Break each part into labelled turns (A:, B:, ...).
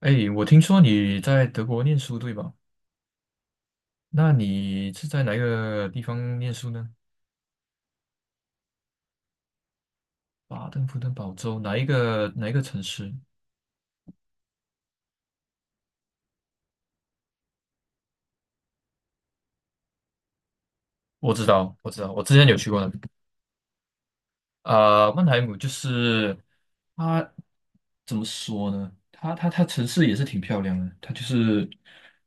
A: 哎，我听说你在德国念书，对吧？那你是在哪一个地方念书呢？巴登符登堡州哪一个城市？我知道，我之前有去过那边。曼海姆就是它，怎么说呢？它城市也是挺漂亮的，它就是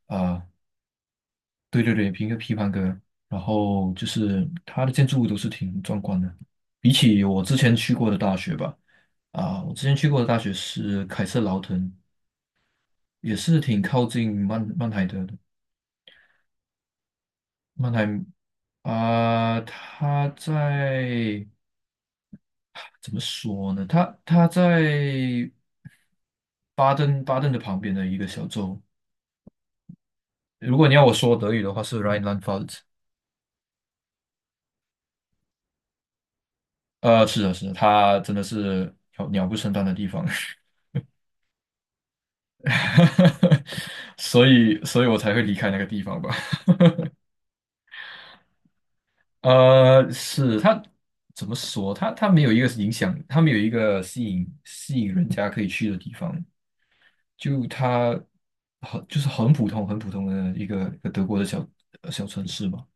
A: 啊、对对对，一个批判哥，然后就是它的建筑物都是挺壮观的，比起我之前去过的大学吧。啊，我之前去过的大学是凯瑟劳滕，也是挺靠近曼海德的。曼海他在怎么说呢？他在巴登巴登的旁边的一个小州。如果你要我说德语的话，是 Rheinland-Pfalz。是的，是的，他真的是鸟不生蛋的地方，所以，所以我才会离开那个地方吧。是他怎么说？他没有一个影响，他没有一个吸引人家可以去的地方。就它就是很普通的一个德国的小小城市嘛，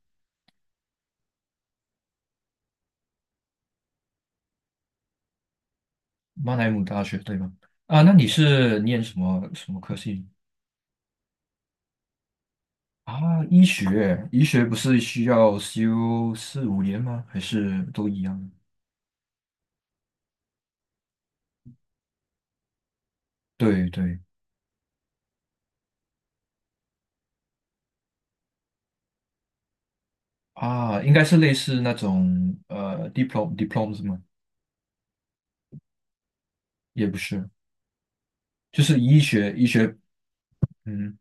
A: 曼海姆大学对吗？啊，那你是念什么科系啊？医学，医学不是需要修四五年吗？还是都一样？对对啊，应该是类似那种diplom 是吗？也不是，就是医学，嗯。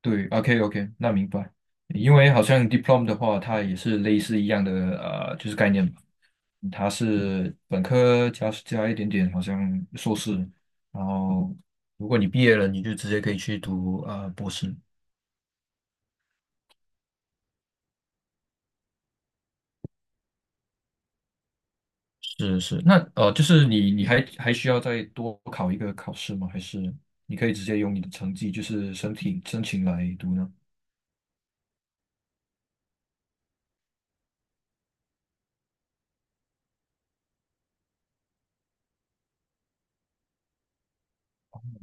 A: 对，OK OK，那明白。因为好像 diploma 的话，它也是类似一样的就是概念吧。它是本科加一点点，好像硕士，然后如果你毕业了，你就直接可以去读博士。是是，那就是你还需要再多考一个考试吗？还是你可以直接用你的成绩，就是申请来读呢？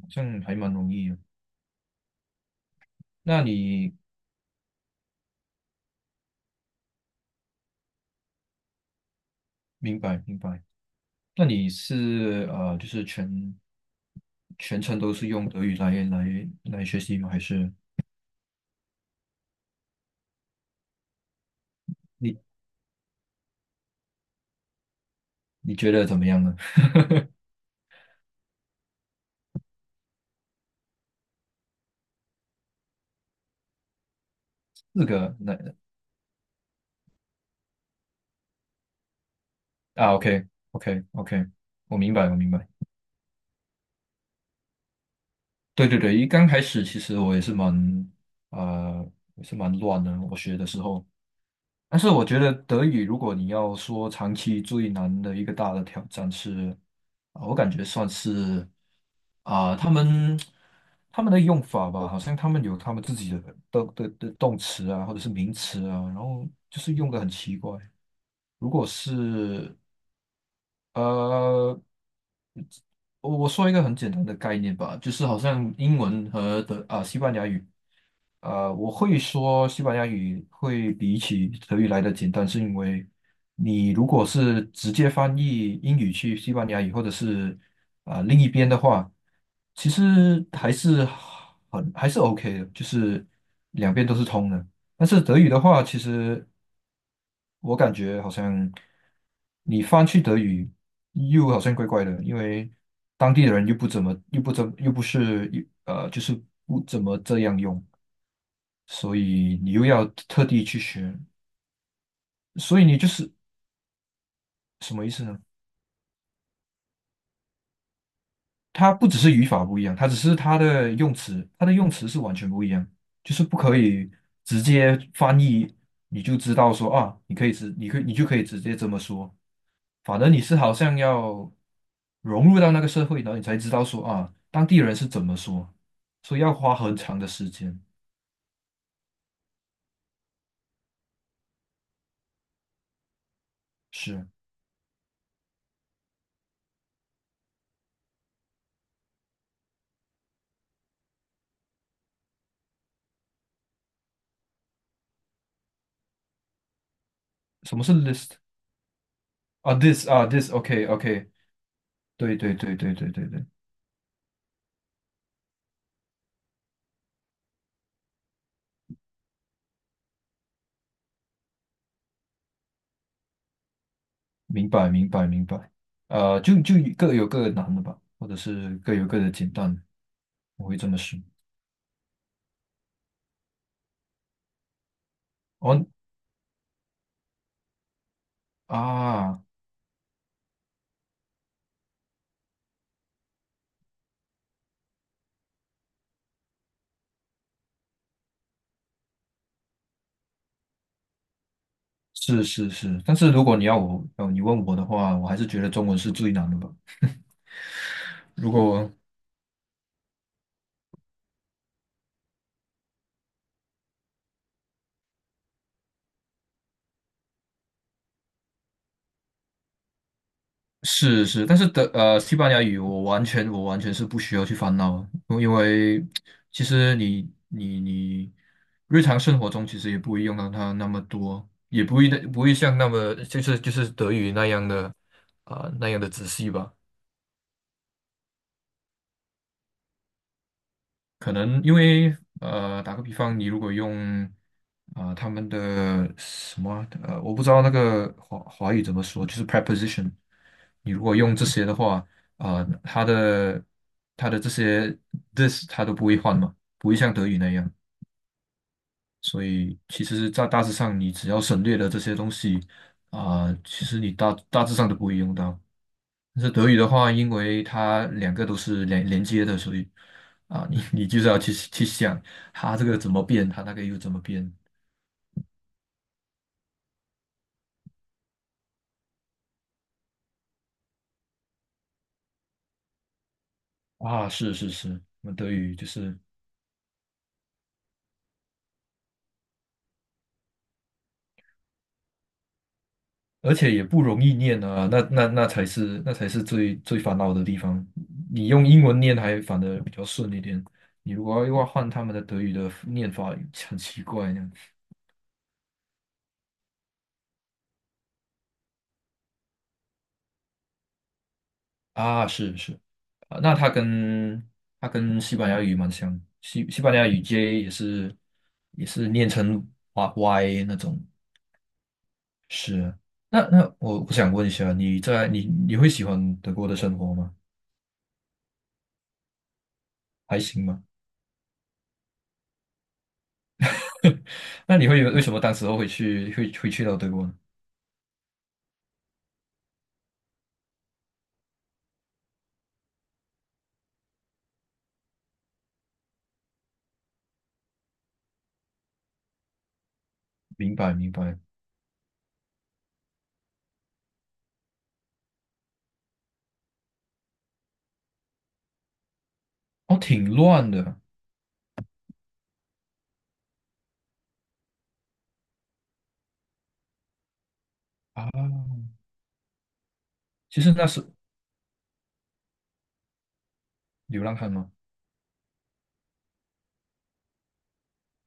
A: 好像还蛮容易的。那你明白明白。那你是就是全全程都是用德语来学习吗？还是你你觉得怎么样呢？四个那啊，OK OK OK，我明白我明白。对对对，一刚开始其实我也是蛮呃也是蛮乱的，我学的时候，但是我觉得德语，如果你要说长期最难的一个大的挑战是，啊，我感觉算是他们他们的用法吧，好像他们有他们自己的动词啊，或者是名词啊，然后就是用的很奇怪。如果是呃，我说一个很简单的概念吧，就是好像英文和德西班牙语，呃，我会说西班牙语会比起。你如果是直接翻译英语去西班牙语，或者是另一边的话，其实还是很还是 OK 的，就是两边都是通的。但是德语的话，其实我感觉好像你翻去德语又好像怪怪的，因为当地的人又不怎么又不怎又不是又就是不怎么这样用，所以你又要特地去学，所以你就是什么意思呢？它不只是语法不一样，它只是它的用词，它的用词是完全不一样，就是不可以直接翻译，你就知道说啊，你就可以直接这么说。反而你是好像要融入到那个社会，然后你才知道说啊，当地人是怎么说，所以要花很长的时间。是，什么是 list 啊？this 啊，this，OK，OK，对对对对对对对，明白明白明白。就就各有各的难的吧，或者是各有各的简单。我会这么说。哦啊，是是是，但是如果你要我，你问我的话，我还是觉得中文是最难的吧。如果是是，但是德西班牙语我完全是不需要去烦恼，因为因为其实你日常生活中其实也不会用到它那么多，也不会的不会像那么就是德语那样的那样的仔细吧。可能因为打个比方，你如果用他们的什么我不知道那个华华语怎么说，就是 preposition，你如果用这些的话，它的它的这些 this 它都不会换嘛，不会像德语那样，所以其实，在大致上，你只要省略了这些东西其实你大大致上都不会用到。但是德语的话，因为它两个都是连连接的，所以啊，你你就是要去去想它这个怎么变，它那个又怎么变啊？是是是，那德语就是，而且也不容易念啊，那那那才是那才是最最烦恼的地方。你用英文念还反的比较顺一点，你如果要要换他们的德语的念法，很奇怪那样。啊，是是，啊，那它跟它跟西班牙语蛮像，西西班牙语 J 也是也是念成 Y Y 那种，是。那那我我想问一下，你在你你会喜欢德国的生活吗？还行吗？那你会为什么当时候会去会会去到德国呢？明白明白，哦，挺乱的啊。其实那是流浪汉吗？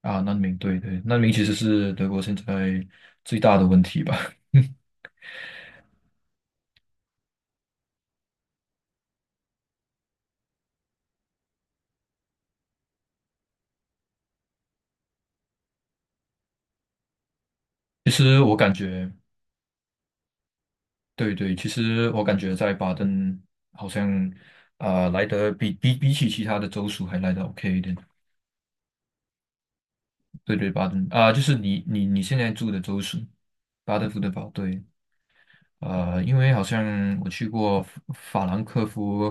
A: 啊，难民，对对，难民其实是德国现在最大的问题吧。其实我感觉，对对，其实我感觉在巴登好像来得比比比起其他的州属还来得 OK 一点。对对，巴登就是你你你现在住的州属，巴登福德堡，对，因为好像我去过法法兰克福，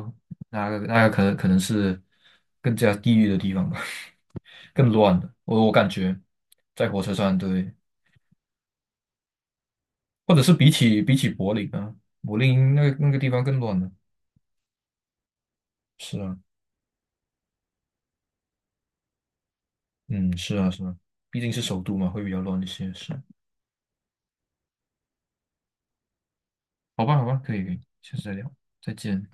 A: 那个那个可能可能是更加地狱的地方吧，更乱的，我我感觉在火车上，对，或者是比起比起柏林啊，柏林那个那个地方更乱了，是啊。嗯，是啊，是啊，毕竟是首都嘛，会比较乱一些。是，好吧，好吧，可以，可以，下次再聊，再见。